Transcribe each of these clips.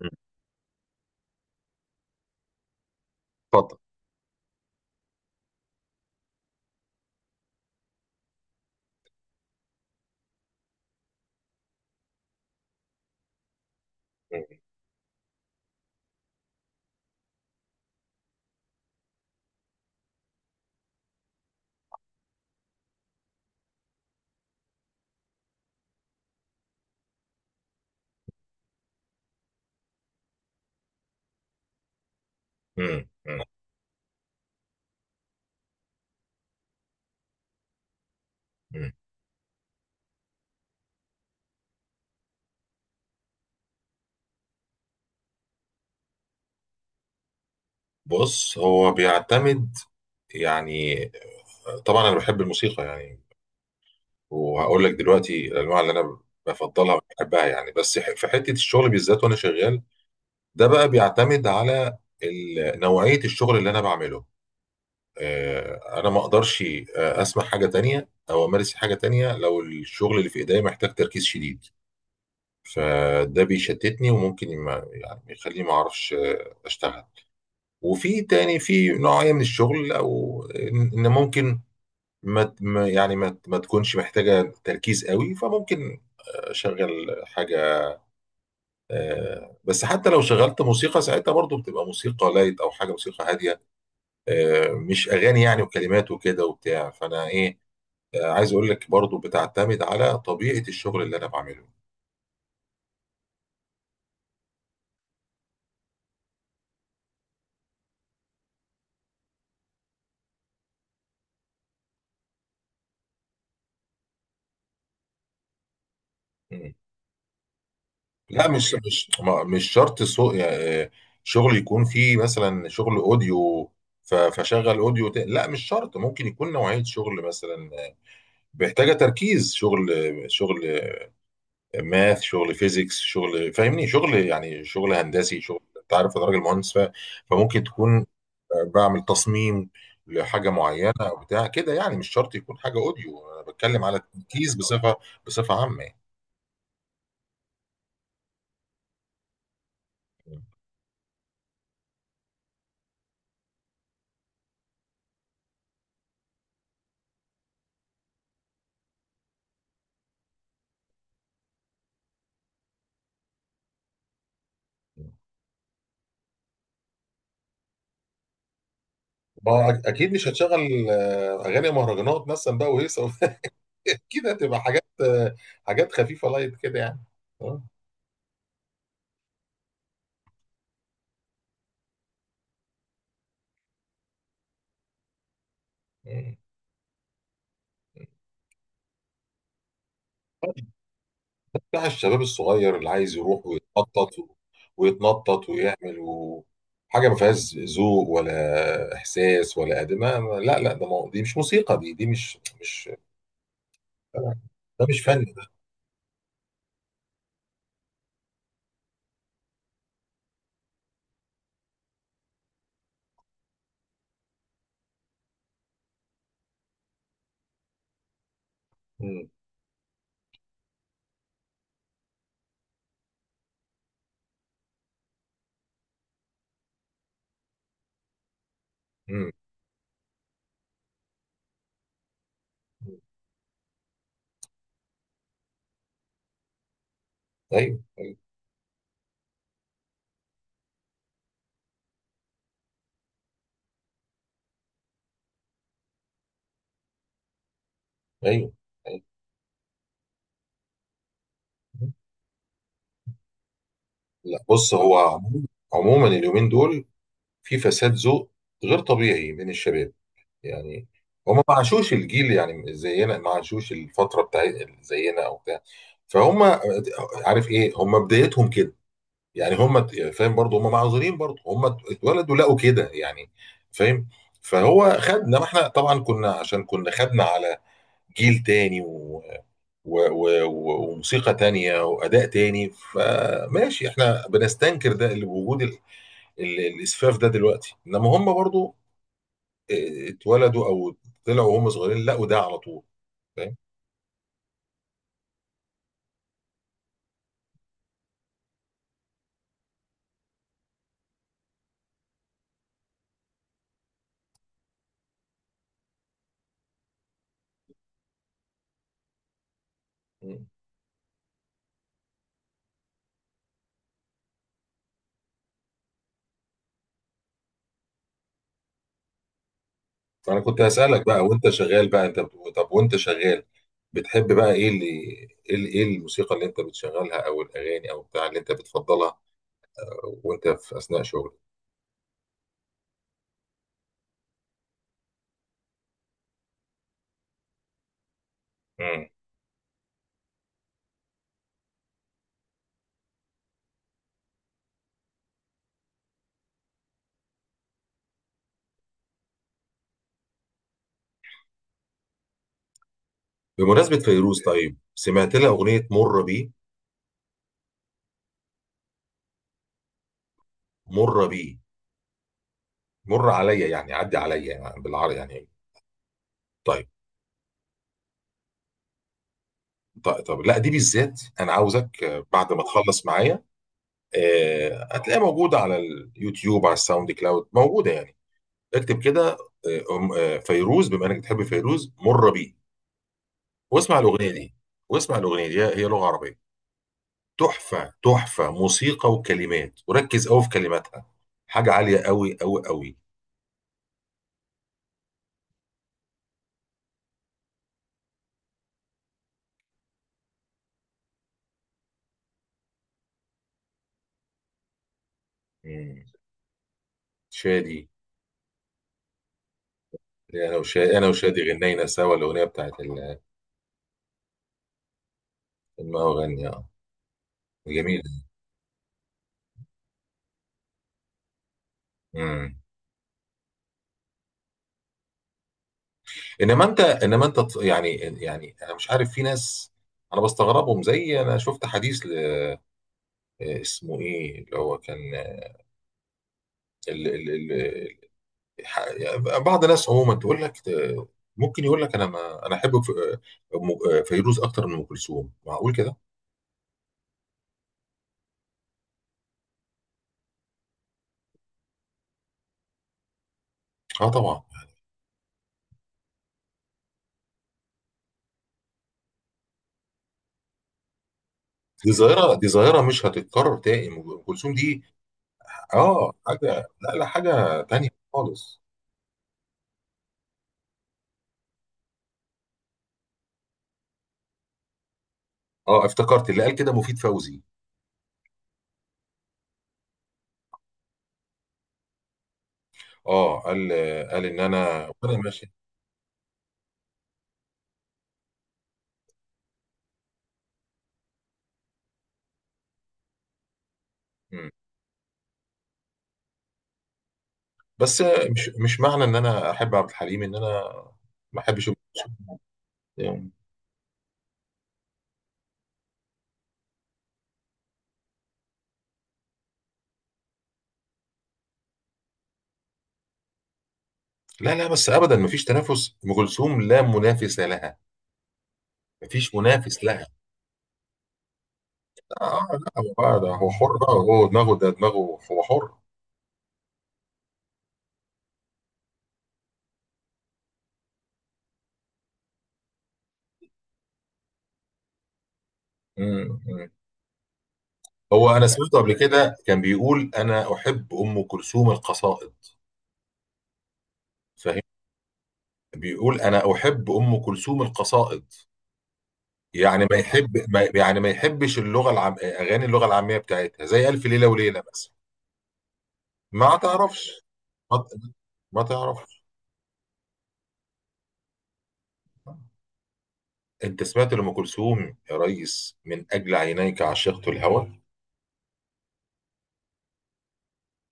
مم. اتفضل. مم. مم. مم. بص، هو بيعتمد يعني. طبعا انا بحب الموسيقى يعني، وهقول لك دلوقتي الانواع اللي انا بفضلها وبحبها يعني. بس في حته الشغل بالذات وانا شغال، ده بقى بيعتمد على نوعيه الشغل اللي انا بعمله. انا ما اقدرش اسمع حاجه تانية او امارس حاجه تانية لو الشغل اللي في ايديا محتاج تركيز شديد، فده بيشتتني وممكن ما يعني يخليني ما اعرفش اشتغل. وفي تاني، في نوعية من الشغل او إن ممكن ما ت- ما- يعني ما ت- ما تكونش محتاجة تركيز قوي، فممكن اشغل حاجة. بس حتى لو شغلت موسيقى ساعتها، برضو بتبقى موسيقى لايت او حاجة موسيقى هادية، مش اغاني يعني، وكلمات وكده وبتاع، فانا ايه، عايز اقول لك برضو بتعتمد على طبيعة الشغل اللي انا بعمله. لا، مش شرط سوق يعني. شغل يكون فيه مثلا شغل اوديو، فشغل اوديو لا مش شرط، ممكن يكون نوعية شغل مثلا محتاجة تركيز. شغل ماث، شغل فيزيكس، شغل فاهمني، شغل يعني شغل هندسي، شغل انت عارف انا راجل مهندس. فممكن تكون بعمل تصميم لحاجة معينة او بتاع كده يعني، مش شرط يكون حاجة اوديو، انا بتكلم على التركيز بصفة عامة يعني. ما هو اكيد مش هتشغل اغاني مهرجانات مثلا بقى وهيصه اكيد هتبقى حاجات حاجات خفيفه لايت كده يعني. آه. مم. بتاع الشباب الصغير اللي عايز يروح ويتنطط ويتنطط ويعمل و... حاجه ما فيهاش ذوق ولا احساس ولا ادب، لا لا، ده مو... دي مش موسيقى، دي مش ده مش فن ده. مم. مم. ايوه، ايوه، ايوه، أيوة. لا، بص، هو عموماً اليومين دول في فساد ذوق غير طبيعي من الشباب يعني. هم ما عاشوش الجيل يعني زينا، ما عاشوش الفتره بتاع زينا او بتاع، فهم عارف ايه، هم بدايتهم كده يعني. هم فاهم، برضه هم معذورين، برضه هم اتولدوا لقوا كده يعني، فاهم. فهو خدنا، ما احنا طبعا كنا، عشان كنا خدنا على جيل تاني وموسيقى تانية وأداء تاني، فماشي احنا بنستنكر ده، اللي بوجود الاسفاف ده دلوقتي. انما هم برضو اه، اتولدوا او طلعوا وهم صغيرين لقوا ده على طول، فاهم. مم. فانا كنت هسألك بقى، وانت شغال بقى، انت طب وانت شغال بتحب بقى ايه، اللي ايه، ايه الموسيقى اللي انت بتشغلها او الاغاني او بتاع اللي انت بتفضلها وانت في اثناء شغلك؟ مم. بمناسبة فيروز، طيب، سمعت لها اغنية مر بي؟ مر بي، مر عليا يعني، عدي عليا يعني، بالعربي يعني. طيب. طيب طب لا، دي بالذات انا عاوزك، اه، بعد ما تخلص معايا، هتلاقيها موجودة على اليوتيوب، على الساوند كلاود موجودة يعني. اكتب كده، فيروز، بما انك بتحب فيروز، مر بيه. واسمع الأغنية دي واسمع الأغنية دي، هي لغة عربية تحفة، تحفة موسيقى وكلمات، وركز قوي في كلماتها، حاجة عالية قوي قوي قوي. مم. شادي، انا وشادي غنينا سوا الأغنية بتاعت ما أغني، اه، جميل. مم. انما انت يعني انا مش عارف، في ناس انا بستغربهم، زي انا شفت حديث اسمه ايه، اللي هو كان ال ال ال ال- يعني بعض الناس عموما تقول لك، ممكن يقول لك انا، ما انا احب ف- آه، م- آه، فيروز اكتر من ام كلثوم. معقول كده؟ اه طبعا، دي ظاهره مش هتتكرر تاني، ام كلثوم دي. اه حاجه، لا لا، حاجه تانية خالص. اه، افتكرت اللي قال كده مفيد فوزي. اه، قال ان انا وانا ماشي. مم. بس مش معنى ان انا احب عبد الحليم ان انا ما احبش. لا لا، بس ابدا، مفيش تنافس، ام كلثوم لا منافس لها، مفيش منافس لها. اه لا، هو بقى ده، هو حر بقى، هو دماغه، ده دماغه، هو حر. مم، مم. هو انا سمعته قبل كده كان بيقول انا احب ام كلثوم القصائد، فاهم؟ بيقول انا احب ام كلثوم القصائد، يعني ما يحب، ما يعني ما يحبش اللغه العام، اغاني اللغه العاميه بتاعتها، زي الف ليله وليله مثلا. ما تعرفش، ما ما تعرفش، انت سمعت لأم كلثوم يا ريس من اجل عينيك عشقت الهوى؟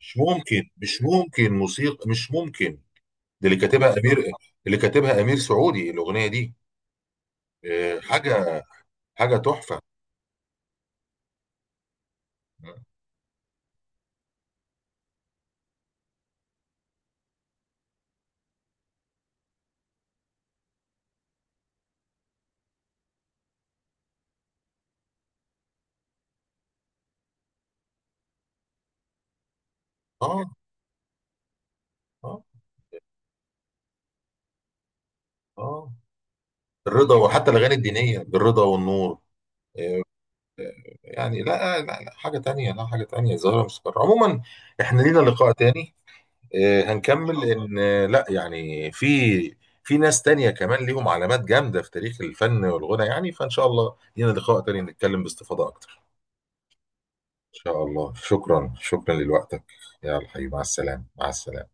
مش ممكن، مش ممكن، موسيقى مش ممكن. ده اللي كاتبها امير، اللي كاتبها امير سعودي الاغنيه دي. آه، حاجه حاجه تحفه. اه اه اه، الرضا، وحتى الاغاني الدينيه، بالرضا والنور، آه، يعني لا لا لا، حاجه تانية، لا حاجه تانية، زهره مستمر عموما. احنا لينا لقاء تاني، هنكمل، لان لا يعني في ناس تانية كمان ليهم علامات جامدة في تاريخ الفن والغنى يعني. فإن شاء الله لينا لقاء تاني نتكلم باستفاضة أكتر. إن شاء الله، شكرا، شكرا لوقتك. يلا حبيبي، مع السلامة، مع السلامة.